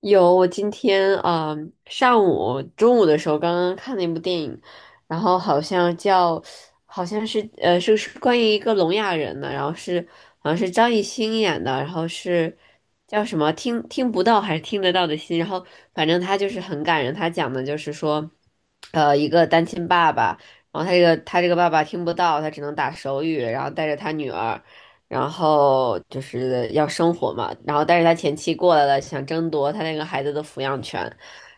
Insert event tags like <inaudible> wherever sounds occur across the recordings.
有，我今天上午中午的时候刚刚看了一部电影，然后好像叫，好像是关于一个聋哑人的，然后是好像是张艺兴演的，然后是叫什么听不到还是听得到的心，然后反正他就是很感人，他讲的就是说，一个单亲爸爸，然后他这个爸爸听不到，他只能打手语，然后带着他女儿。然后就是要生活嘛，然后但是他前妻过来了，想争夺他那个孩子的抚养权，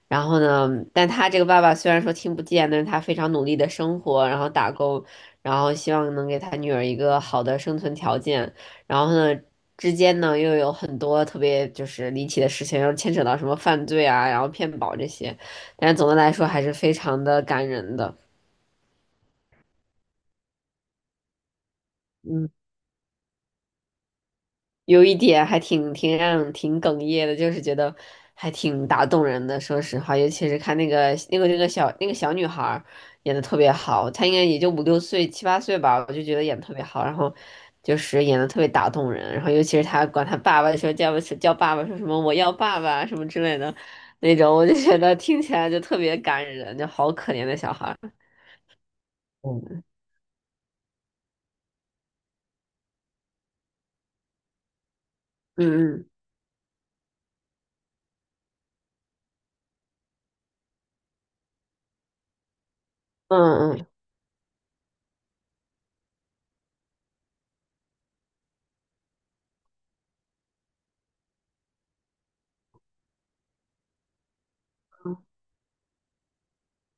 然后呢，但他这个爸爸虽然说听不见，但是他非常努力的生活，然后打工，然后希望能给他女儿一个好的生存条件，然后呢。之间呢，又有很多特别就是离奇的事情，又牵扯到什么犯罪啊，然后骗保这些，但是总的来说还是非常的感人的。嗯。有一点还挺哽咽的，就是觉得还挺打动人的。说实话，尤其是看那个那个那个小那个小女孩儿演的特别好，她应该也就五六岁七八岁吧，我就觉得演的特别好，然后就是演的特别打动人。然后尤其是她管她爸爸说叫爸爸，说什么我要爸爸什么之类的那种，我就觉得听起来就特别感人，就好可怜的小孩儿。嗯嗯嗯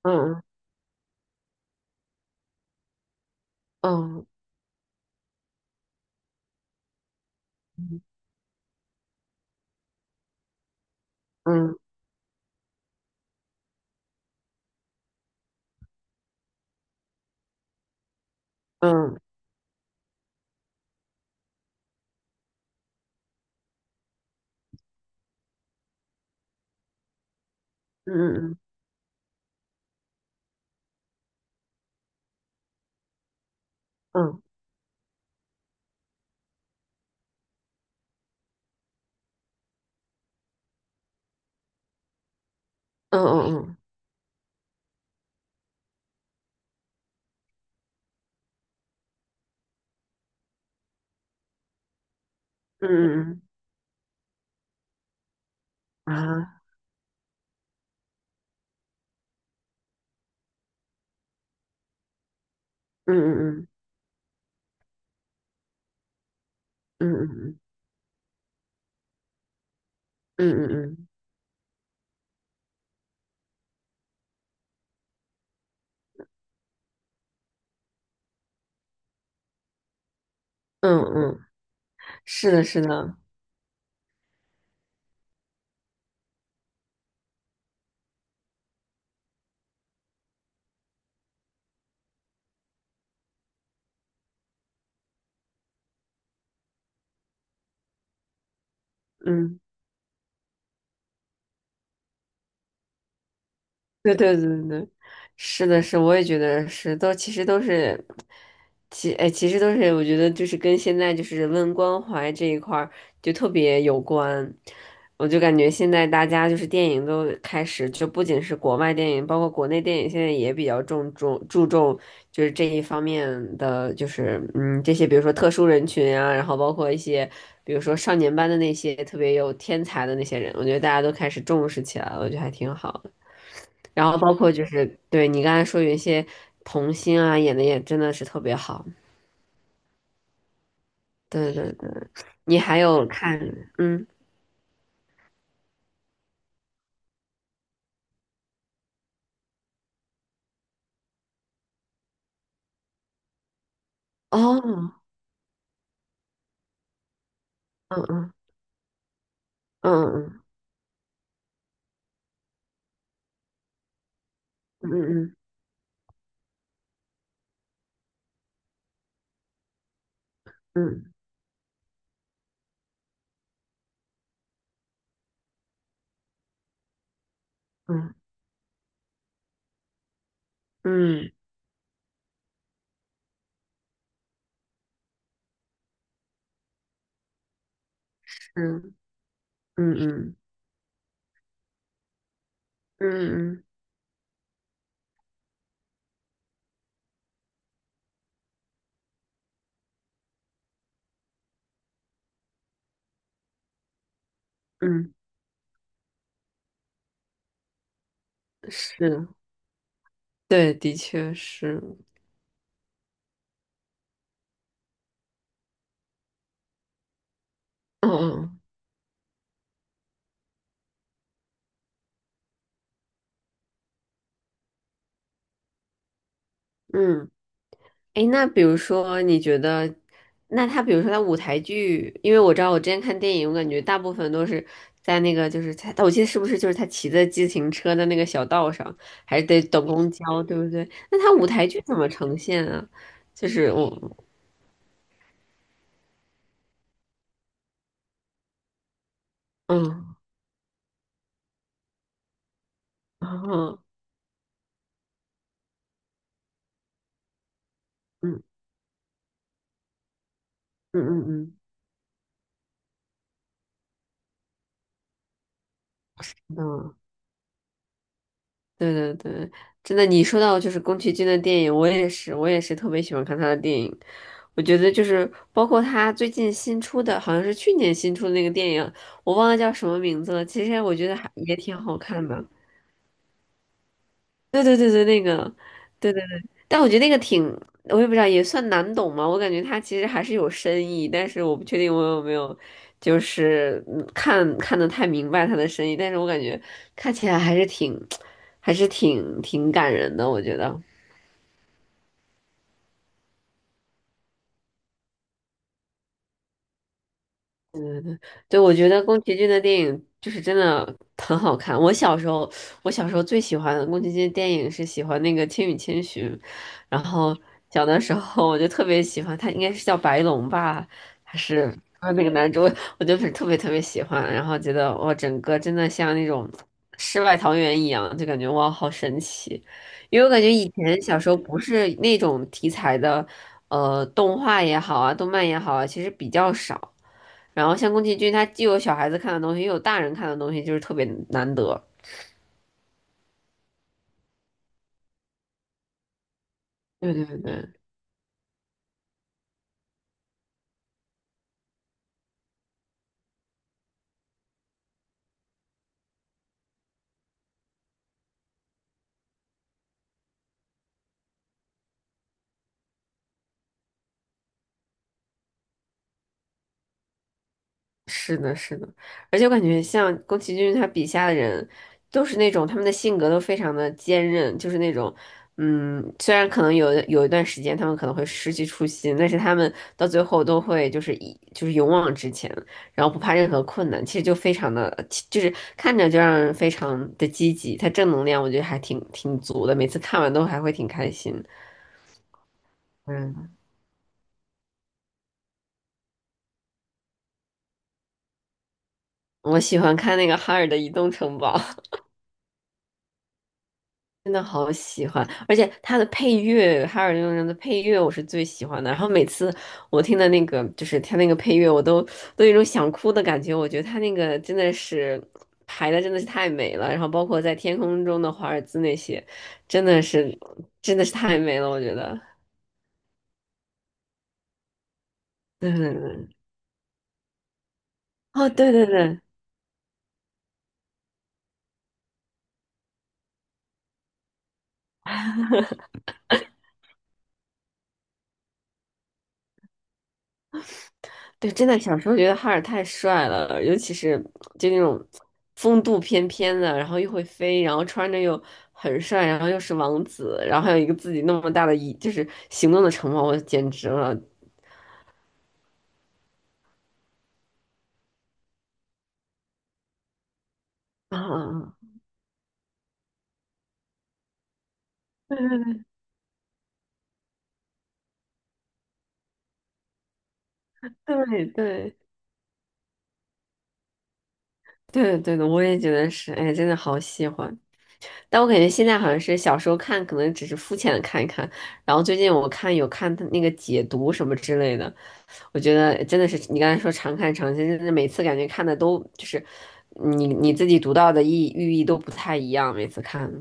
嗯嗯嗯嗯嗯嗯嗯嗯嗯嗯嗯。嗯嗯嗯嗯嗯嗯啊，嗯嗯嗯嗯嗯嗯嗯嗯嗯，嗯是的，是的，嗯。对 <laughs> 对对对，是的是，我也觉得是，都其实都是，其实都是，我觉得就是跟现在就是人文关怀这一块儿就特别有关。我就感觉现在大家就是电影都开始，就不仅是国外电影，包括国内电影，现在也比较注重就是这一方面的，就是这些，比如说特殊人群啊，然后包括一些比如说少年班的那些特别有天才的那些人，我觉得大家都开始重视起来了，我觉得还挺好。然后包括就是对你刚才说有一些童星啊，演的也真的是特别好。对对对，你还有看，嗯，哦，嗯嗯嗯嗯嗯嗯嗯嗯，是，嗯嗯嗯嗯嗯，嗯嗯嗯是，对，的确是，嗯嗯嗯。诶，那比如说，你觉得，那他比如说他舞台剧，因为我知道我之前看电影，我感觉大部分都是在那个就是他，我记得是不是就是他骑着自行车的那个小道上，还是得等公交，对不对？那他舞台剧怎么呈现啊？就是我，嗯，<laughs> 哦，嗯嗯嗯嗯，嗯。对对对，真的，你说到就是宫崎骏的电影，我也是，我也是特别喜欢看他的电影。我觉得就是包括他最近新出的，好像是去年新出的那个电影，我忘了叫什么名字了。其实我觉得还也挺好看的。对对对对，那个，对对对，但我觉得那个挺，我也不知道，也算难懂嘛。我感觉它其实还是有深意，但是我不确定我有没有，就是看得太明白它的深意。但是我感觉看起来还是挺感人的，我觉得。对，我觉得宫崎骏的电影就是真的很好看。我小时候最喜欢的宫崎骏电影是喜欢那个《千与千寻》，然后小的时候我就特别喜欢他，应该是叫白龙吧，还是那个男主，<laughs> 我就是特别特别喜欢，然后觉得哇，整个真的像那种世外桃源一样，就感觉哇好神奇，因为我感觉以前小时候不是那种题材的，动画也好啊，动漫也好啊，其实比较少。然后像宫崎骏，他既有小孩子看的东西，又有大人看的东西，就是特别难得。对对对，是的，是的。而且我感觉像宫崎骏他笔下的人，都是那种他们的性格都非常的坚韧，就是那种，嗯，虽然可能有一段时间他们可能会失去初心，但是他们到最后都会就是勇往直前，然后不怕任何困难，其实就非常的，就是看着就让人非常的积极，他正能量我觉得还挺足的，每次看完都还会挺开心。嗯。我喜欢看那个哈尔的《移动城堡》<laughs>，真的好喜欢，而且它的配乐，哈尔的移动城堡的配乐我是最喜欢的。然后每次我听的那个，就是它那个配乐，我都有一种想哭的感觉。我觉得它那个真的是排的真的是太美了，然后包括在天空中的华尔兹那些，真的是真的是太美了，我觉得。对对对，哦，对对对，对，真的小时候觉得哈尔太帅了，尤其是就那种风度翩翩的，然后又会飞，然后穿着又很帅，然后又是王子，然后还有一个自己那么大的就是行动的城堡，我简直了啊！<laughs> 对对对对对对的，我也觉得是，哎，真的好喜欢。但我感觉现在好像是小时候看，可能只是肤浅的看一看，然后最近我有看他那个解读什么之类的，我觉得真的是你刚才说常看常新，真的每次感觉看的都就是你自己读到的寓意都不太一样，每次看。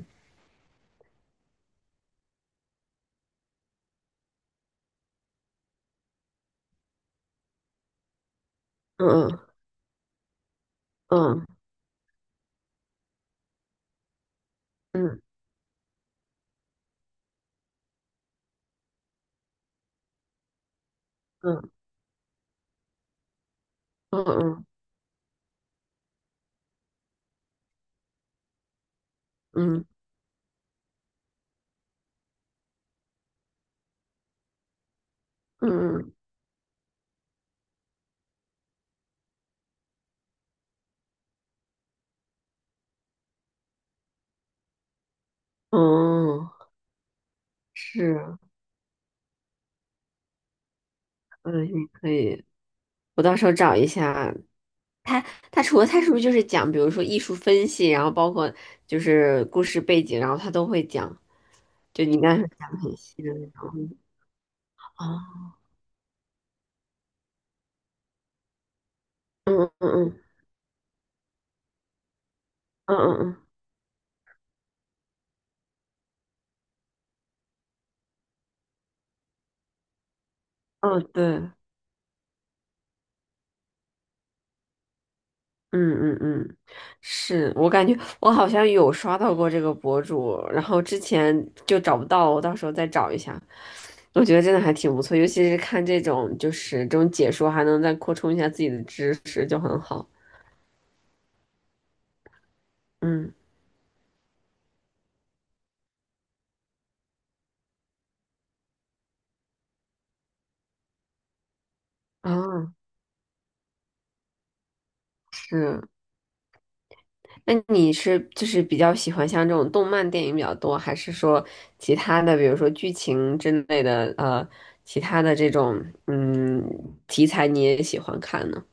嗯嗯嗯嗯嗯嗯嗯嗯嗯嗯，是，嗯，你可以，我到时候找一下他。他除了他是不是就是讲，比如说艺术分析，然后包括就是故事背景，然后他都会讲。就你刚才讲得很细的那种。哦，嗯嗯嗯嗯嗯嗯，哦，对，嗯嗯嗯，是我感觉我好像有刷到过这个博主，然后之前就找不到，我到时候再找一下。我觉得真的还挺不错，尤其是看这种就是这种解说，还能再扩充一下自己的知识，就很好。嗯啊，是。那你是就是比较喜欢像这种动漫电影比较多，还是说其他的，比如说剧情之类的，其他的这种题材你也喜欢看呢？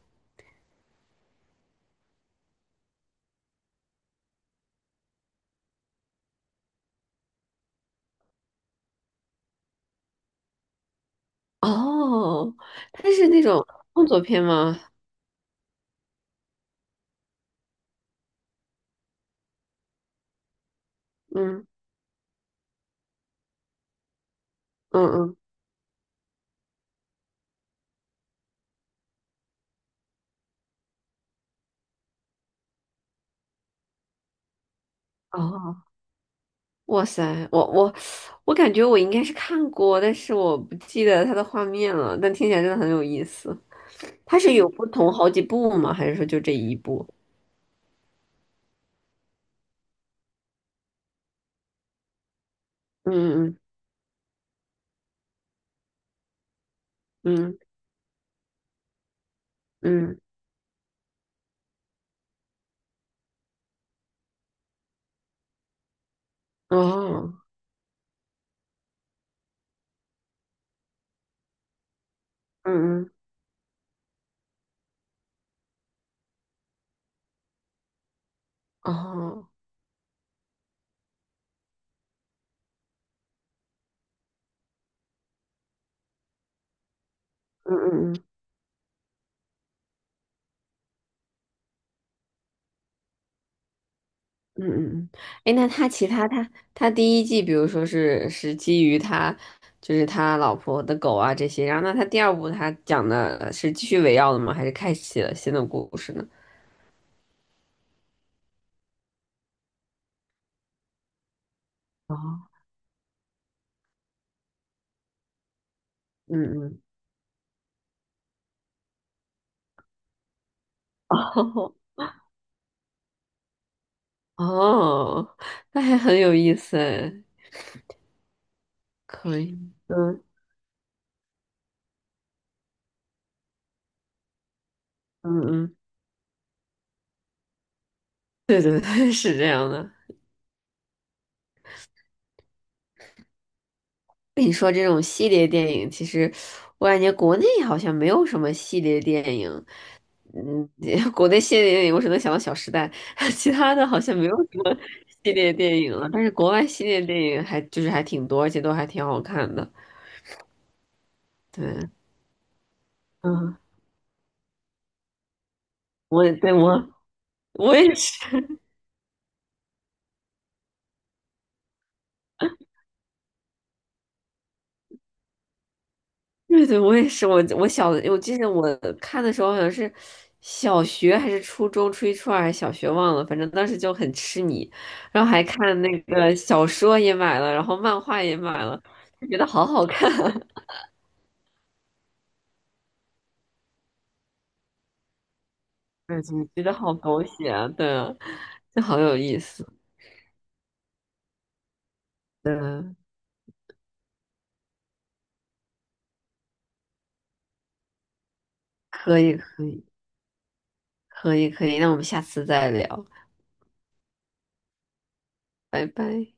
哦，它是那种动作片吗？嗯嗯嗯，哦，哇塞，我感觉我应该是看过，但是我不记得它的画面了，但听起来真的很有意思。它是有不同好几部吗？还是说就这一部？嗯嗯嗯嗯嗯，哦，嗯嗯哦，嗯嗯嗯。嗯嗯嗯，哎，那他其他他他第一季，比如说是基于他就是他老婆的狗啊这些，然后那他第二部他讲的是继续围绕的吗？还是开启了新的故事呢？哦，嗯嗯，<laughs> 哦哦，那还很有意思哎，可以，嗯嗯嗯，对对对，<laughs> 是这样的。跟你说这种系列电影，其实我感觉国内好像没有什么系列电影。嗯，<laughs> 国内系列电影我只能想到《小时代》，<laughs> 其他的好像没有什么系列电影了。但是国外系列电影还就是还挺多，而且都还挺好看的。对，嗯，我也对我我也是，<laughs> 对对，我也是。我记得我看的时候好像是小学还是初中，初一初二还是小学忘了，反正当时就很痴迷，然后还看那个小说也买了，然后漫画也买了，就觉得好好看。对，总觉得好狗血啊，对啊，这好有意思。可以，可以，可以，可以。那我们下次再聊，拜拜。